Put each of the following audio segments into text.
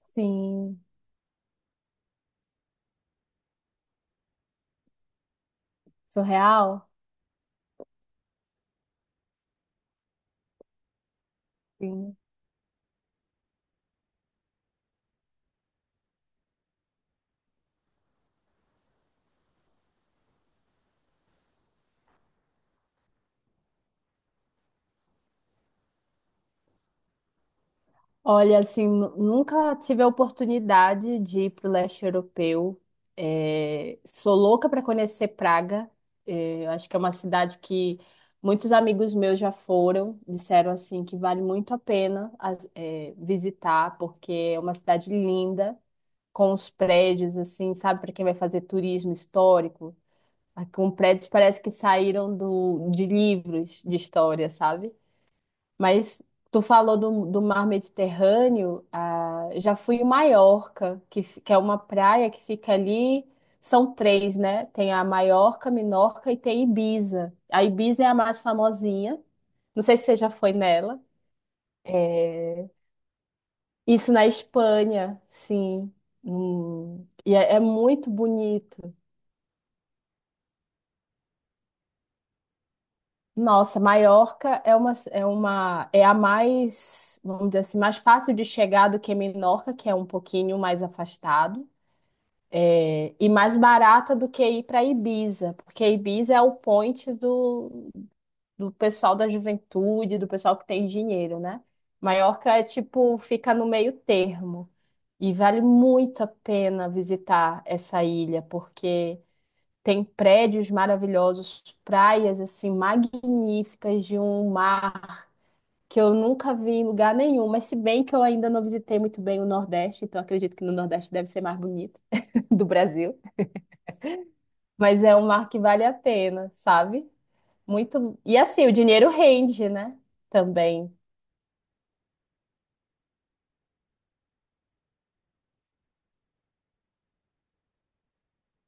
Sim, surreal. Sim. Olha, assim, nunca tive a oportunidade de ir para o leste europeu. É, sou louca para conhecer Praga. É, eu acho que é uma cidade que muitos amigos meus já foram, disseram assim que vale muito a pena é, visitar, porque é uma cidade linda, com os prédios, assim, sabe, para quem vai fazer turismo histórico, ah, com prédios parece que saíram de livros de história, sabe? Mas tu falou do Mar Mediterrâneo, ah, já fui em Maiorca, que é uma praia que fica ali. São três, né? Tem a Maiorca, Minorca e tem Ibiza. A Ibiza é a mais famosinha. Não sei se você já foi nela. É. Isso na Espanha, sim. E é muito bonito. Nossa, Maiorca é a mais, vamos dizer assim, mais fácil de chegar do que Menorca, que é um pouquinho mais afastado. É, e mais barata do que ir para Ibiza, porque Ibiza é o point do pessoal da juventude, do pessoal que tem dinheiro, né? Maiorca é tipo, fica no meio termo. E vale muito a pena visitar essa ilha, porque tem prédios maravilhosos, praias assim magníficas de um mar que eu nunca vi em lugar nenhum, mas se bem que eu ainda não visitei muito bem o Nordeste, então acredito que no Nordeste deve ser mais bonito do Brasil. Mas é um mar que vale a pena, sabe? Muito. E assim, o dinheiro rende, né? Também.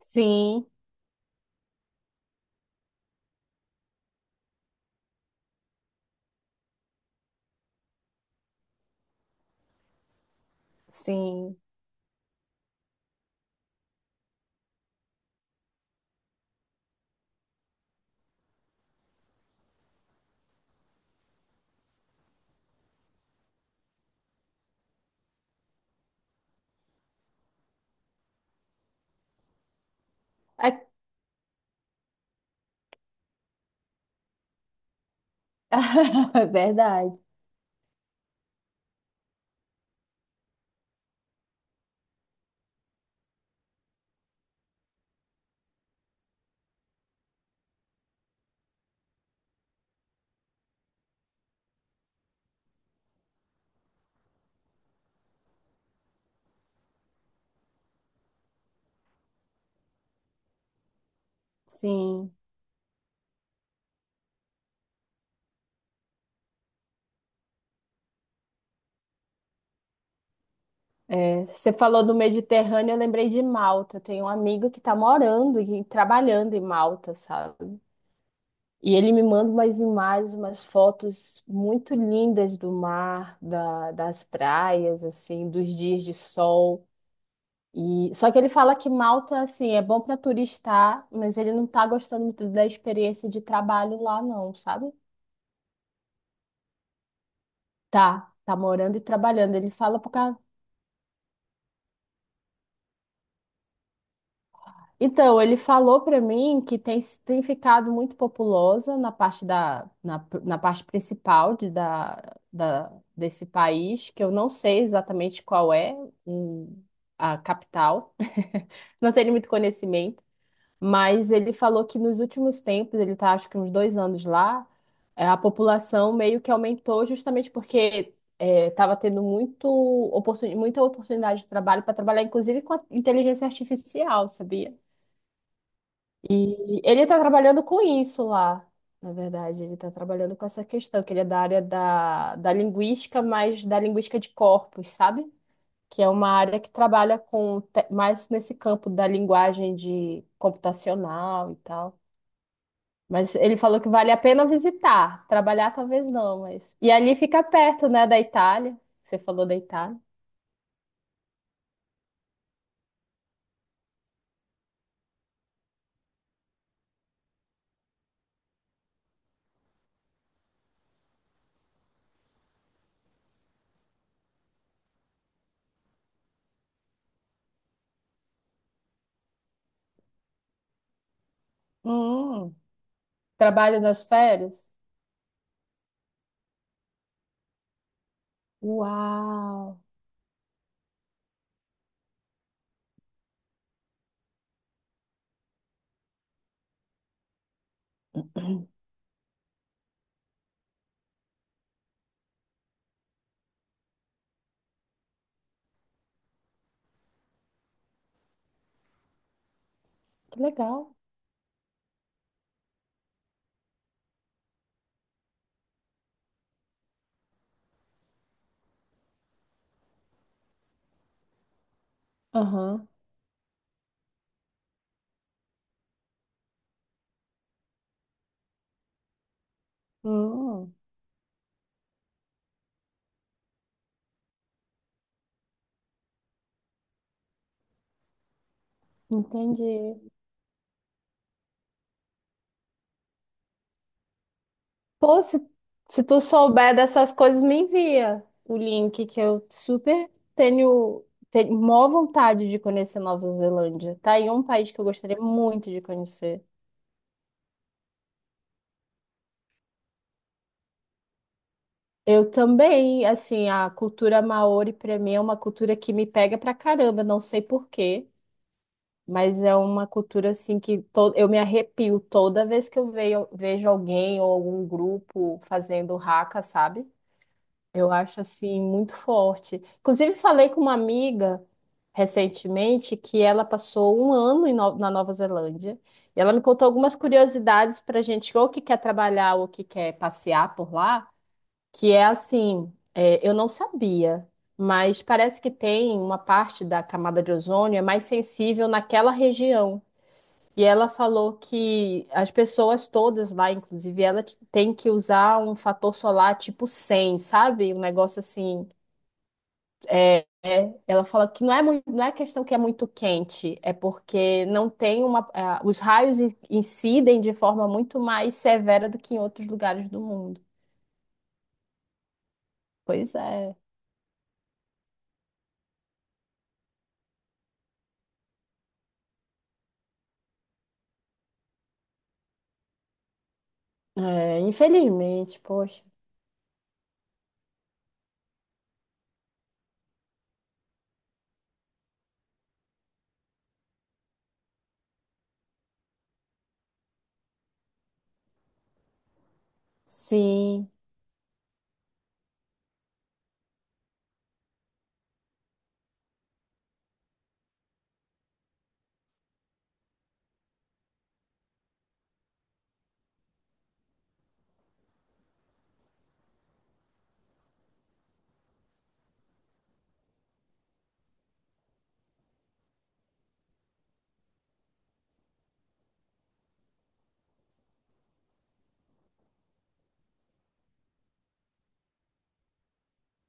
Sim, sim. É verdade. Sim. É, você falou do Mediterrâneo, eu lembrei de Malta. Eu tenho um amigo que está morando e trabalhando em Malta, sabe? E ele me manda umas imagens, umas fotos muito lindas do mar, das praias, assim, dos dias de sol. E só que ele fala que Malta assim é bom para turistar, mas ele não tá gostando muito da experiência de trabalho lá não, sabe? Tá morando e trabalhando. Ele fala por causa... Então, ele falou para mim tem ficado muito populosa na parte principal da desse país, que eu não sei exatamente qual é hum, a capital. Não tenho muito conhecimento. Mas ele falou que nos últimos tempos, ele tá acho que uns 2 anos lá, é, a população meio que aumentou justamente porque estava tendo muito muita oportunidade de trabalho para trabalhar, inclusive com a inteligência artificial, sabia? E ele está trabalhando com isso lá, na verdade. Ele está trabalhando com essa questão, que ele é da área da linguística, mas da linguística de corpos, sabe? Que é uma área que trabalha com mais nesse campo da linguagem de computacional e tal. Mas ele falou que vale a pena visitar. Trabalhar talvez não, mas. E ali fica perto, né, da Itália. Você falou da Itália. Hum, trabalho nas férias? Uau, que legal. Aham. Hum, entendi. Pô, se tu souber dessas coisas, me envia o link que eu super tenho maior vontade de conhecer Nova Zelândia. Tá aí um país que eu gostaria muito de conhecer. Eu também, assim, a cultura maori para mim é uma cultura que me pega pra caramba, não sei por quê, mas é uma cultura assim eu me arrepio toda vez que eu vejo alguém ou algum grupo fazendo haka, sabe? Eu acho assim muito forte. Inclusive falei com uma amiga recentemente que ela passou 1 ano em na Nova Zelândia e ela me contou algumas curiosidades pra gente ou que quer trabalhar ou que quer passear por lá que é assim, é, eu não sabia, mas parece que tem uma parte da camada de ozônio é mais sensível naquela região. E ela falou que as pessoas todas lá, inclusive ela, tem que usar um fator solar tipo 100, sabe? Um negócio assim. É, ela fala que não é muito, não é questão que é muito quente, é porque não tem uma. Ah, os raios incidem de forma muito mais severa do que em outros lugares do mundo. Pois é. É, infelizmente, poxa. Sim.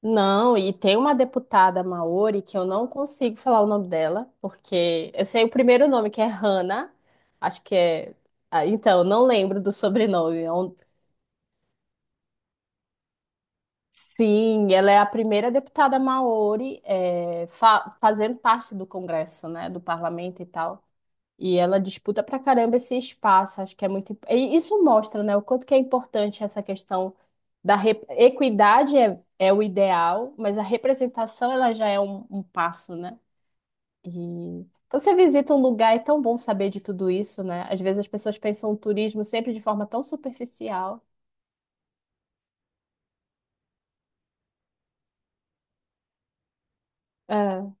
Não, e tem uma deputada Maori que eu não consigo falar o nome dela, porque eu sei o primeiro nome, que é Hannah. Acho que é. Ah, então, eu não lembro do sobrenome. É um- Sim, ela é a primeira deputada Maori, é, fazendo parte do Congresso, né? Do parlamento e tal. E ela disputa pra caramba esse espaço, acho que é muito. E isso mostra, né, o quanto que é importante essa questão equidade é, é o ideal, mas a representação ela já é um passo, né? E quando você visita um lugar, é tão bom saber de tudo isso, né? Às vezes as pessoas pensam o turismo sempre de forma tão superficial. É,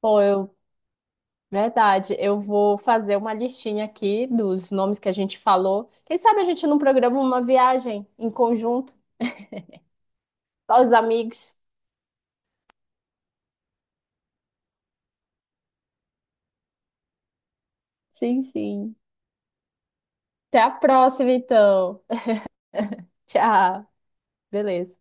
pô, eu. Verdade, eu vou fazer uma listinha aqui dos nomes que a gente falou. Quem sabe a gente não programa uma viagem em conjunto, só os amigos. Sim, sim. Até a próxima, então. Tchau. Beleza.